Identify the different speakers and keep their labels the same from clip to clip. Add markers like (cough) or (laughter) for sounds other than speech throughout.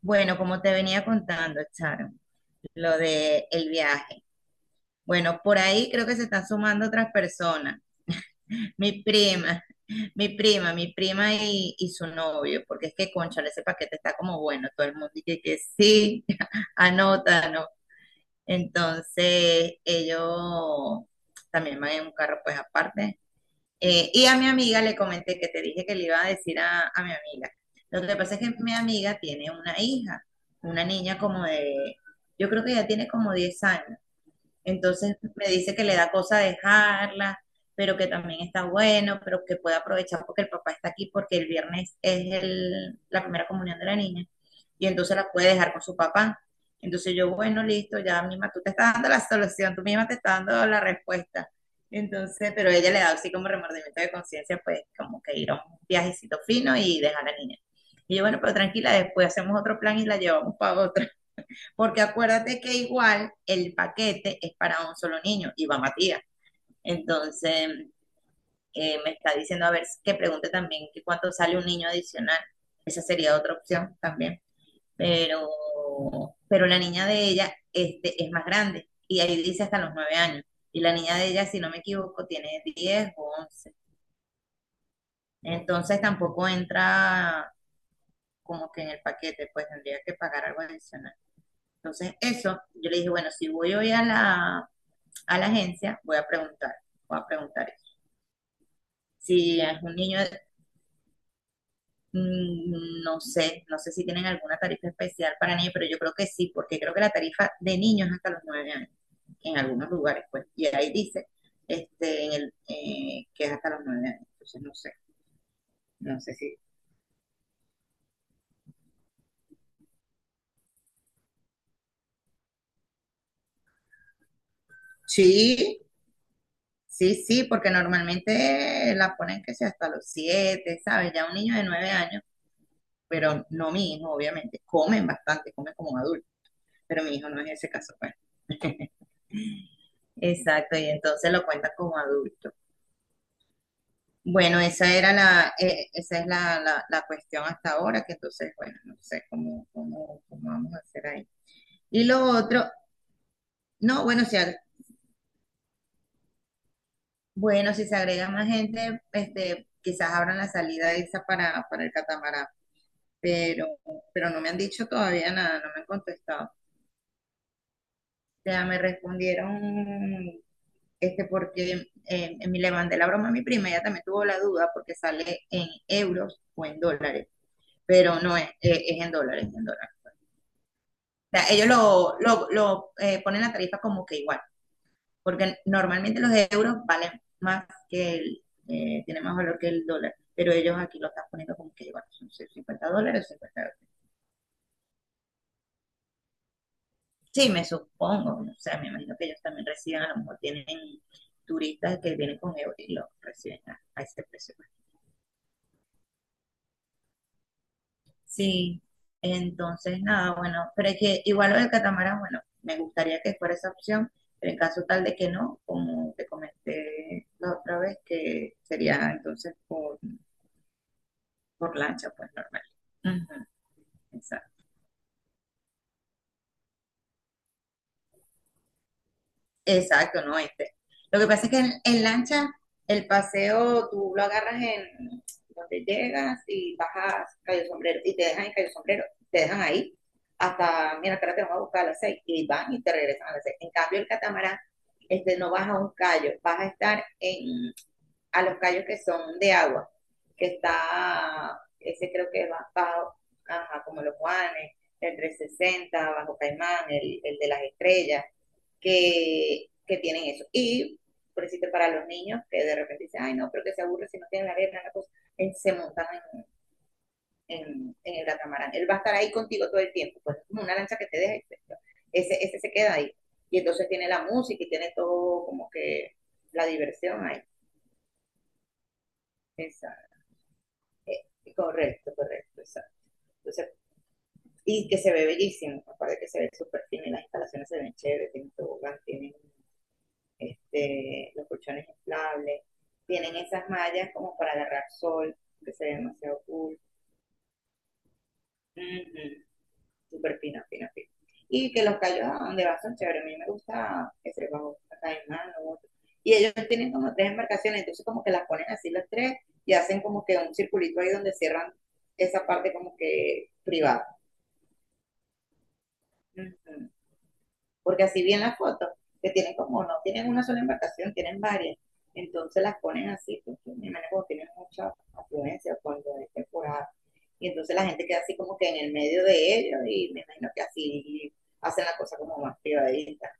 Speaker 1: Bueno, como te venía contando, Sharon, lo de el viaje. Bueno, por ahí creo que se están sumando otras personas. (laughs) Mi prima, mi prima y su novio, porque es que, cónchale, ese paquete está como bueno. Todo el mundo dice que sí, (laughs) anótalo. Entonces, ellos también van en un carro, pues aparte. Y a mi amiga le comenté que te dije que le iba a decir a mi amiga. Lo que pasa es que mi amiga tiene una hija, una niña yo creo que ya tiene como 10 años. Entonces me dice que le da cosa dejarla, pero que también está bueno, pero que puede aprovechar porque el papá está aquí, porque el viernes es la primera comunión de la niña, y entonces la puede dejar con su papá. Entonces yo, bueno, listo, ya misma tú te estás dando la solución, tú misma te estás dando la respuesta. Entonces, pero ella le da así como remordimiento de conciencia, pues como que ir a un viajecito fino y dejar a la niña. Y yo, bueno, pero tranquila, después hacemos otro plan y la llevamos para otro. Porque acuérdate que igual el paquete es para un solo niño y va Matías. Entonces, me está diciendo, a ver, que pregunte también que cuánto sale un niño adicional. Esa sería otra opción también. Pero, pero la niña de ella es más grande y ahí dice hasta los 9 años. Y la niña de ella, si no me equivoco, tiene 10 o 11. Entonces tampoco entra como que en el paquete, pues tendría que pagar algo adicional. Entonces eso, yo le dije, bueno, si voy hoy a la, a la, agencia, voy a preguntar, si es un niño, no sé si tienen alguna tarifa especial para niños, pero yo creo que sí, porque creo que la tarifa de niños hasta los 9 años, en algunos lugares, pues, y ahí dice que es hasta los 9 años, entonces no sé, no sé si... Sí, sí, sí, porque normalmente la ponen que sea hasta los 7, ¿sabes? Ya un niño de 9 años, pero no mi hijo, obviamente, comen bastante, comen como un adulto, pero mi hijo no es ese caso, pues. Exacto, y entonces lo cuentan como adulto. Bueno, esa es la cuestión hasta ahora, que entonces, bueno, no sé cómo, cómo vamos a hacer ahí. Y lo otro, no, bueno, bueno, si se agrega más gente, quizás abran la salida esa para el catamarán, pero, pero no me han dicho todavía nada, no me han contestado. O sea, me respondieron, porque me le mandé la broma a mi prima, ella también tuvo la duda porque sale en euros o en dólares. Pero no es, es en dólares, en dólares. O sea, ellos lo, lo ponen la tarifa como que igual, porque normalmente los euros valen más que tiene más valor que el dólar, pero ellos aquí lo están poniendo como que igual, son 50 dólares, 50 dólares. Sí, me supongo, o sea, me imagino que ellos también reciben, a lo mejor tienen turistas que vienen con euros y los reciben a ese precio. Sí, entonces nada, bueno, pero es que igual lo del catamarán, bueno, me gustaría que fuera esa opción, pero en caso tal de que no, como te comenté la otra vez, que sería entonces por lancha, pues normal. Ujú, exacto. Exacto, no este. Lo que pasa es que en lancha el paseo tú lo agarras en donde llegas y bajas Cayo Sombrero y te dejan en Cayo Sombrero, te dejan ahí hasta, mira, ahora te vamos a buscar a las 6 y van y te regresan a las 6. En cambio el catamarán no vas a un callo, vas a estar a los callos que son de agua, que está, ese creo que va bajo, ajá, como los Juanes, el 360 Bajo Caimán, el de las estrellas, que tienen eso. Y, por decirte, para los niños que de repente dicen, ay, no, pero que se aburre si no tienen la arena, la cosa, en- se montan en, en- en el catamarán. Él va a estar ahí contigo todo el tiempo, pues como una lancha que te deja, ese se queda ahí. Y entonces tiene la música y tiene todo como que la diversión ahí. Exacto, correcto, correcto, exacto. Entonces, y que se ve bellísimo, aparte que se ve súper fino y las instalaciones se ven chéveres, tienen tobogán, tienen los colchones inflables, tienen esas mallas como para agarrar sol, que se ve demasiado cool. Ujú, súper fino, fino, fino. Y que los callos a donde va son chéveres, a mí me gusta ese bajo Caimán o otro. Y ellos tienen como tres embarcaciones, entonces como que las ponen así las tres y hacen como que un circulito ahí donde cierran esa parte como que privada. Ujú. Porque así bien las fotos, que tienen como, no tienen una sola embarcación, tienen varias. Entonces las ponen así, porque mi hermana como tiene mucha afluencia cuando es temporada. Y entonces la gente queda así como que en el medio de ellos y me imagino que así hacen la cosa como más privadita.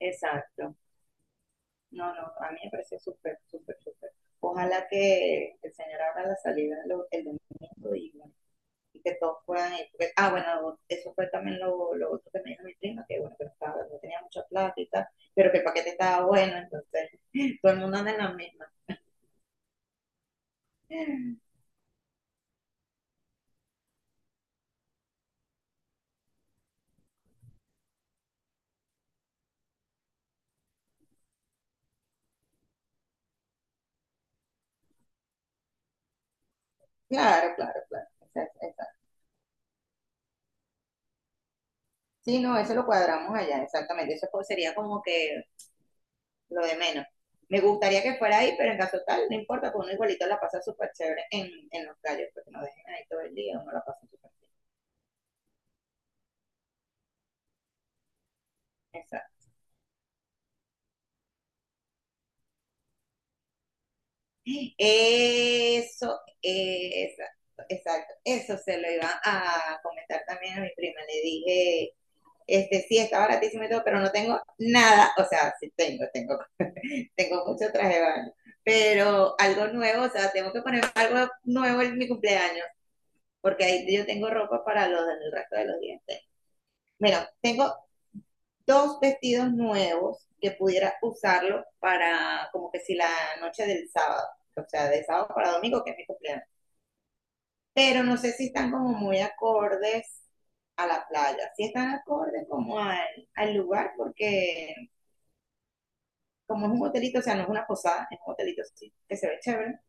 Speaker 1: Exacto. No, no, a mí me pareció súper, súper, súper. Ojalá que el señor abra la salida el domingo y que todos fueran. Ah, bueno, eso fue también lo otro que me dijo mi prima, que bueno, que no, estaba, no tenía mucha plata y tal, pero que el paquete estaba bueno, entonces todo el mundo anda en la misma. Claro, claro, claro. Exacto, exacto. Sí, no, eso lo cuadramos allá, exactamente. Eso pues sería como que lo de menos. Me gustaría que fuera ahí, pero en caso tal, no importa, porque uno igualito la pasa súper chévere en los calles, porque no dejen ahí todo el día, uno la pasa súper bien. Exacto. Eso, exacto, exacto. Eso se lo iba a comentar también a mi prima. Le dije, sí, está baratísimo y todo, pero no tengo nada. O sea, sí tengo, tengo mucho traje de baño. Pero algo nuevo, o sea, tengo que poner algo nuevo en mi cumpleaños, porque ahí yo tengo ropa para los del resto de los dientes. Bueno, tengo dos vestidos nuevos que pudiera usarlo para como que si la noche del sábado, o sea, de sábado para domingo, que es mi cumpleaños, pero no sé si están como muy acordes a la playa, si están acordes como al lugar, porque como es un hotelito, o sea, no es una posada, es un hotelito sí, que se ve chévere,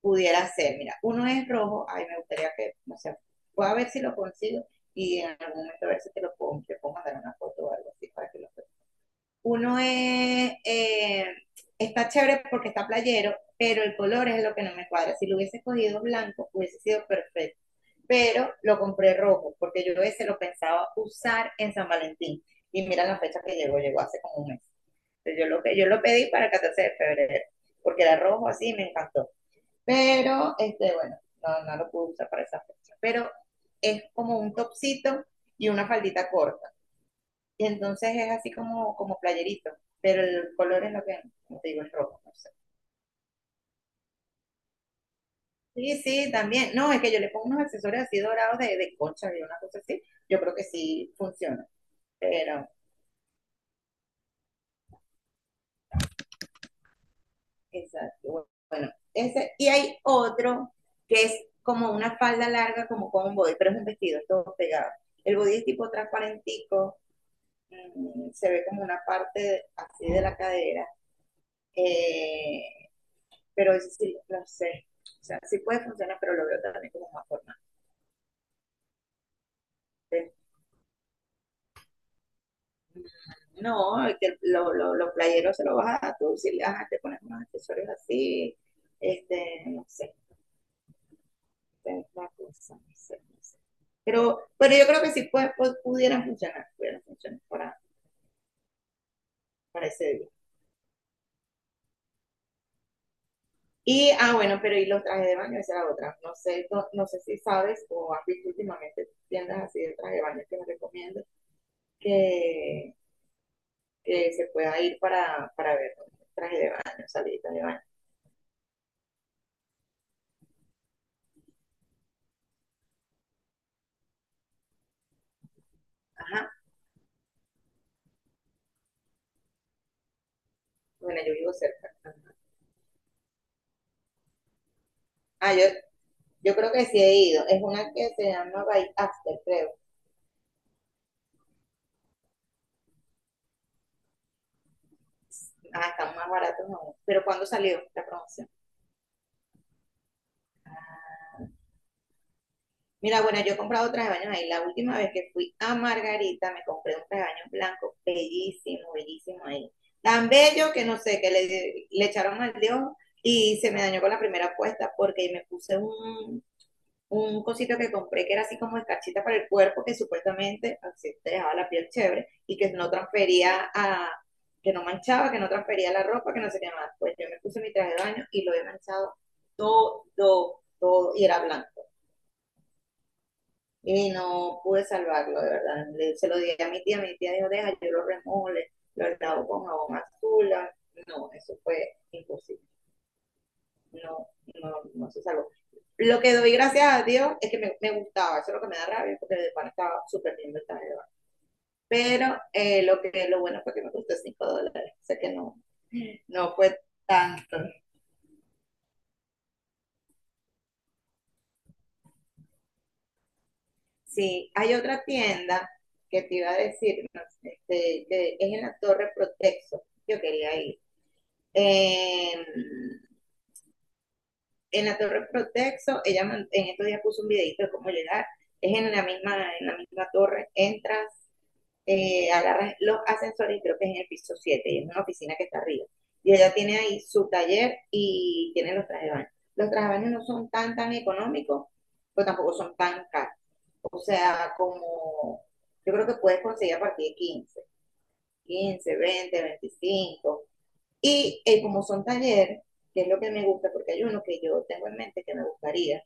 Speaker 1: pudiera ser, mira, uno es rojo, ay, me gustaría que, no sé, voy a ver si lo consigo y en algún momento a ver si te puedo mandar una foto o algo así para que lo veas. Uno es, está chévere porque está playero, pero el color es lo que no me cuadra. Si lo hubiese cogido blanco, hubiese sido perfecto, pero lo compré rojo, porque yo ese lo pensaba usar en San Valentín. Y mira la fecha que llegó, llegó hace como un mes. Entonces yo lo pedí para el 14 de febrero, porque era rojo así me encantó. Pero, bueno, no, no lo pude usar para esa fecha. Pero es como un topsito y una faldita corta. Y entonces es así como, como playerito, pero el color es lo que, como te digo, es rojo, no sé. Sí, sí, también. No, es que yo le pongo unos accesorios así dorados de concha y una cosa así. Yo creo que sí funciona. Pero, exacto. Bueno, ese, y hay otro que es como una falda larga, como con un body, pero es un vestido, todo pegado. El body es tipo transparentico, se ve como una parte así de la cadera, eh, pero eso sí, no sé. O sea, sí puede funcionar, pero lo veo también como más formal. Entonces, mm, no, el que los los playeros se lo vas a dar tú, si le- ajá, te pones unos accesorios así, no sé. Es la cosa, no sé, no sé. Pero yo creo que sí pues, pudieran funcionar para ese día. Y, ah, bueno, pero y los trajes de baño, esa era otra. No sé, no, no sé si sabes o has visto últimamente tiendas así de traje de baño que me recomiendo que, que se pueda ir para ver, ¿no? Traje de baño, salida de baño. Ajá, bueno, yo vivo cerca. Ajá. Ah, yo creo que sí he ido. Es una que se llama By After, creo. Ah, están más baratos aún. Pero ¿cuándo salió la promoción? Mira, bueno, yo he comprado traje de baños ahí. La última vez que fui a Margarita, me compré un traje de baños blanco bellísimo, bellísimo ahí. Tan bello que no sé, que le echaron al dedo y se me dañó con la primera puesta porque me puse un cosito que compré que era así como escarchita para el cuerpo, que supuestamente así te dejaba la piel chévere y que no transfería a, que no manchaba, que no transfería la ropa, que no sé qué más. Pues yo me puse mi traje de baño y lo he manchado todo, todo, todo y era blanco y no pude salvarlo, de verdad. Se lo di a mi tía dijo, deja, yo lo remole, lo lavo con jabón azul. No, eso fue imposible. No, no, no se salvó. Lo que doy gracias a Dios es que me gustaba, eso es lo que me da rabia, porque de pan estaba súper lindo el taller. Pero lo bueno fue que me costó 5 dólares, o sea que no, no fue tanto. Sí, hay otra tienda que te iba a decir, no sé, que es en la Torre Protexo. Yo quería ir. Eh, en la Torre Protexo, ella en estos días puso un videito de cómo llegar. Es en la misma torre, entras, agarras los ascensores y creo que es en el piso 7 y es una oficina que está arriba. Y ella tiene ahí su taller y tiene los trajes de baño. Los trajes de baño no son tan, tan económicos, pero tampoco son tan caros. O sea, como yo creo que puedes conseguir a partir de 15, 20, 25, y como son talleres, que es lo que me gusta, porque hay uno que yo tengo en mente que me gustaría,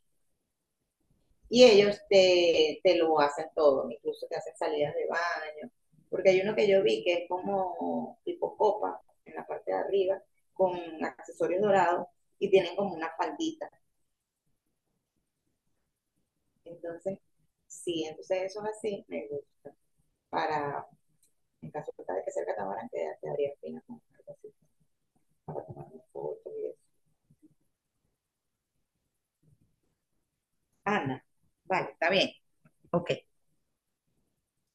Speaker 1: y ellos te lo hacen todo, incluso te hacen salidas de baño, porque hay uno que yo vi que es como tipo copa en la parte de arriba, con accesorios dorados, y tienen como una faldita. Entonces, sí, entonces eso es así, me gusta. Para, en caso de que sea el catamarán, que te daría pena con algo así, para tomar una foto y eso. Ana, vale, está bien, ok.